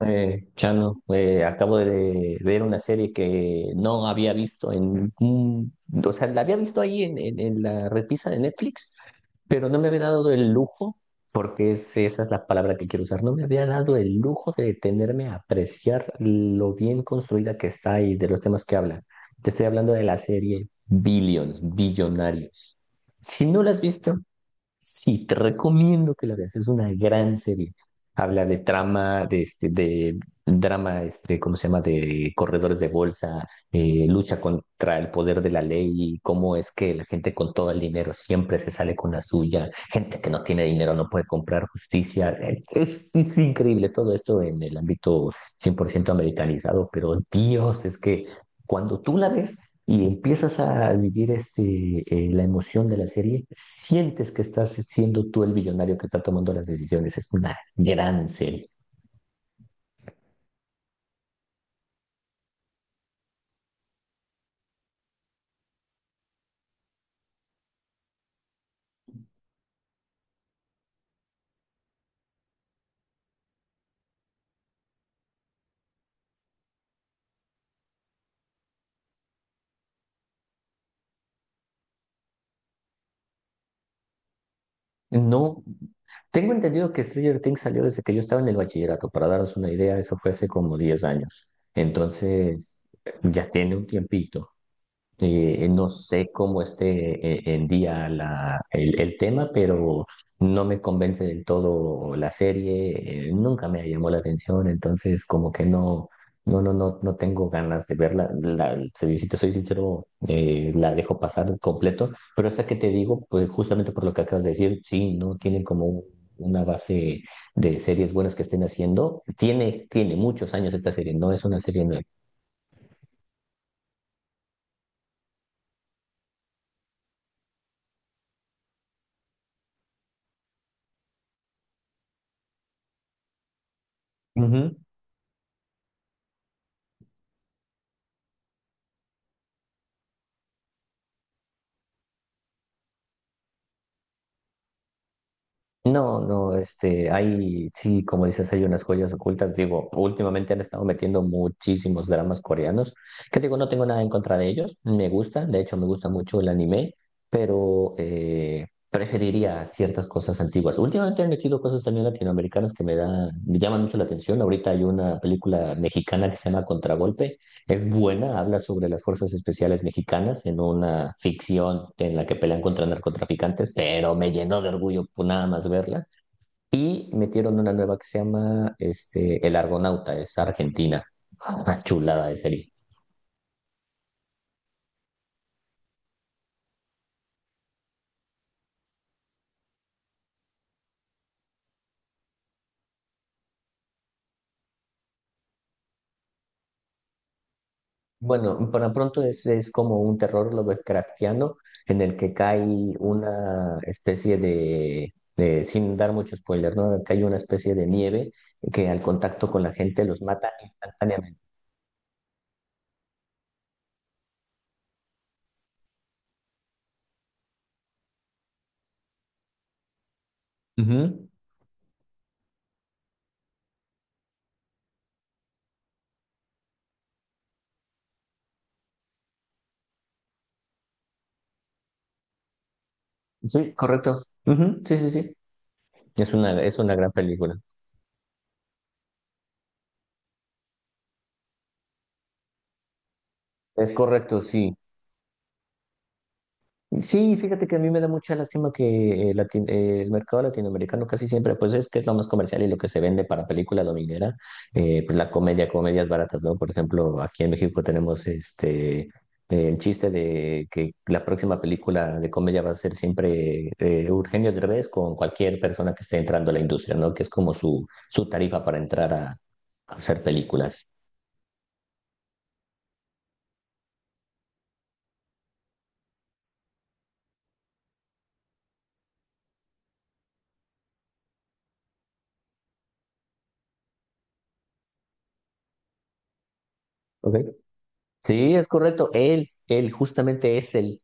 Chano, acabo de ver una serie que no había visto en o sea, la había visto ahí en, en la repisa de Netflix, pero no me había dado el lujo, porque esa es la palabra que quiero usar. No me había dado el lujo de detenerme a apreciar lo bien construida que está y de los temas que habla. Te estoy hablando de la serie Billions, Billonarios. Si no la has visto, sí, te recomiendo que la veas. Es una gran serie. Habla de trama, de drama, ¿cómo se llama? De corredores de bolsa, lucha contra el poder de la ley y cómo es que la gente con todo el dinero siempre se sale con la suya. Gente que no tiene dinero no puede comprar justicia. Es increíble todo esto en el ámbito 100% americanizado, pero Dios, es que cuando tú la ves y empiezas a vivir la emoción de la serie, sientes que estás siendo tú el billonario que está tomando las decisiones. Es una gran serie. No, tengo entendido que Stranger Things salió desde que yo estaba en el bachillerato. Para daros una idea, eso fue hace como 10 años. Entonces, ya tiene un tiempito. No sé cómo esté en día el tema, pero no me convence del todo la serie. Nunca me llamó la atención, entonces como que no, no, no, no, no tengo ganas de verla. La, si si te soy sincero, la dejo pasar completo, pero hasta que te digo, pues justamente por lo que acabas de decir, sí, no tienen como una base de series buenas que estén haciendo. Tiene, tiene muchos años esta serie, no es una serie nueva. No, no, hay, sí, como dices, hay unas joyas ocultas. Digo, últimamente han estado metiendo muchísimos dramas coreanos, que digo, no tengo nada en contra de ellos, me gusta, de hecho me gusta mucho el anime, pero preferiría ciertas cosas antiguas. Últimamente han metido cosas también latinoamericanas que me da, me llaman mucho la atención. Ahorita hay una película mexicana que se llama Contragolpe, es buena, habla sobre las fuerzas especiales mexicanas en una ficción en la que pelean contra narcotraficantes, pero me llenó de orgullo por nada más verla. Y metieron una nueva que se llama El Argonauta, es argentina. Una chulada de serie. Bueno, para pronto es como un terror lovecraftiano en el que cae una especie de, sin dar mucho spoiler, ¿no? Cae una especie de nieve que al contacto con la gente los mata instantáneamente. Ujú. Sí, correcto. Ujú. Sí, sí, sí. Es una gran película. Es correcto, sí. Sí, fíjate que a mí me da mucha lástima que el mercado latinoamericano casi siempre, pues es que es lo más comercial y lo que se vende para película dominguera, pues la comedia, comedias baratas, ¿no? Por ejemplo, aquí en México tenemos el chiste de que la próxima película de comedia va a ser siempre Eugenio Derbez con cualquier persona que esté entrando a la industria, ¿no? Que es como su tarifa para entrar a hacer películas. Ok. Sí, es correcto. Él justamente es el,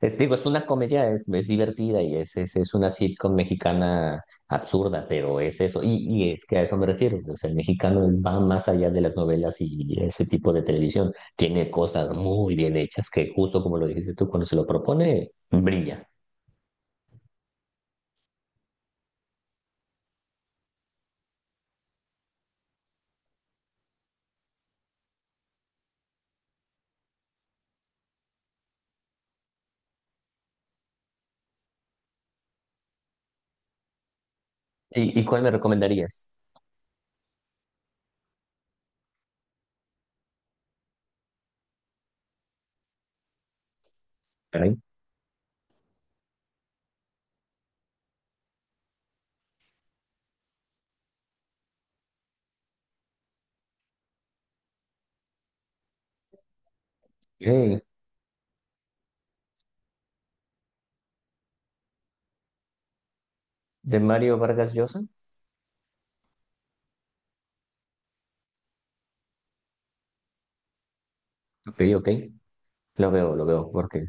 es- digo, es una comedia, es divertida y es una sitcom mexicana absurda, pero es eso. Y es que a eso me refiero. O sea, el mexicano va más allá de las novelas y ese tipo de televisión. Tiene cosas muy bien hechas que justo como lo dijiste tú, cuando se lo propone, brilla. Y cuál me recomendarías? Caray. Eh, ¿De Mario Vargas Llosa? Ok, ok. Lo veo, porque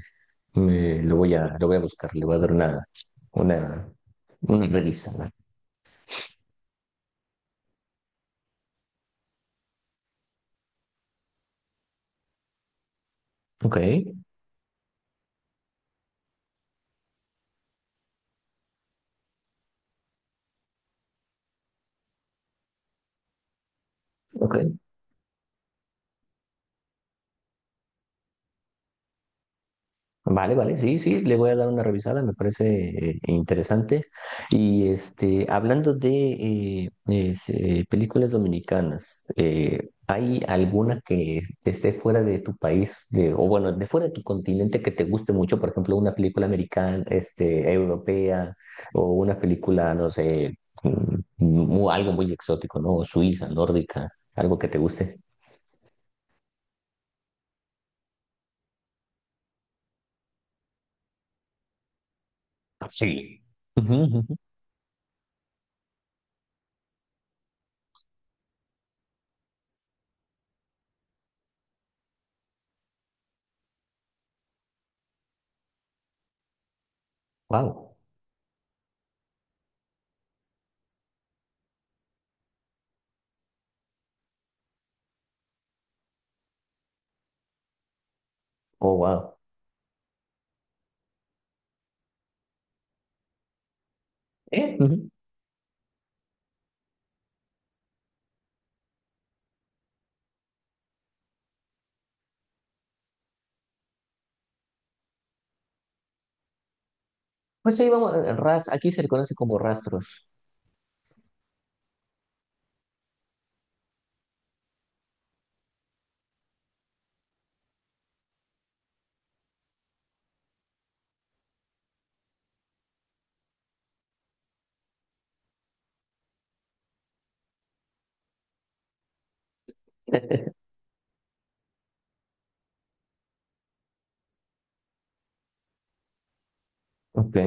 Lo voy a buscar, le voy a dar una, una revisada. Ok, ok. Vale, vale, sí, sí, le voy a dar una revisada, me parece interesante. Y hablando de películas dominicanas, ¿hay alguna que esté fuera de tu país, de, o bueno, de fuera de tu continente que te guste mucho? Por ejemplo, una película americana, europea, o una película, no sé, algo muy exótico, ¿no? Suiza, nórdica, algo que te guste. Sí. Wow. Oh, wow. ¿Eh? Pues ahí vamos, aquí se le conoce como rastros. Ok.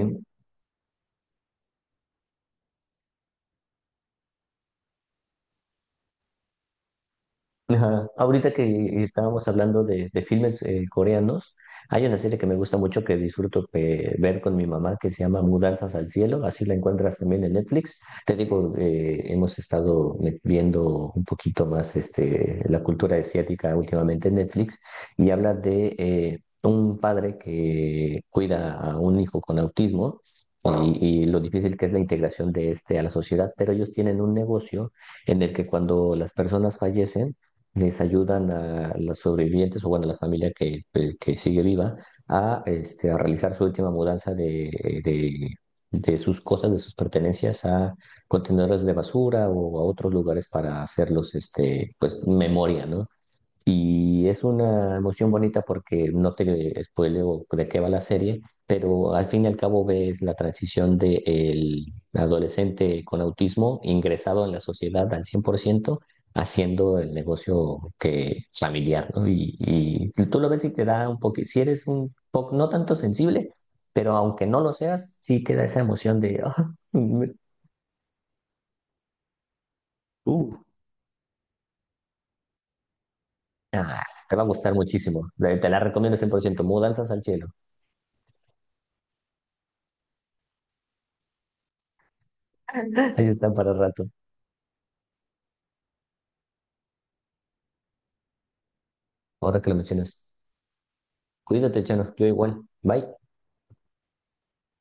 Ajá. Ahorita que estábamos hablando de filmes coreanos, hay una serie que me gusta mucho que disfruto ver con mi mamá que se llama Mudanzas al Cielo, así la encuentras también en Netflix. Te digo, hemos estado viendo un poquito más la cultura asiática últimamente en Netflix y habla de un padre que cuida a un hijo con autismo. Y lo difícil que es la integración de este a la sociedad, pero ellos tienen un negocio en el que cuando las personas fallecen, les ayudan a los sobrevivientes o bueno, a la familia que sigue viva a realizar su última mudanza de sus cosas, de sus pertenencias a contenedores de basura o a otros lugares para hacerlos pues, memoria, ¿no? Y es una emoción bonita porque no te spoileo de qué va la serie, pero al fin y al cabo ves la transición de el adolescente con autismo ingresado en la sociedad al 100% haciendo el negocio que familiar, ¿no? Y tú lo ves y te da un poco, si eres un poco, no tanto sensible, pero aunque no lo seas, sí te da esa emoción de, "Ah, me- uh, ah, te va a gustar muchísimo. Te la recomiendo 100% Mudanzas al cielo. Ahí está para rato. Ahora que lo mencionas, cuídate, Chano. Yo igual. Bye.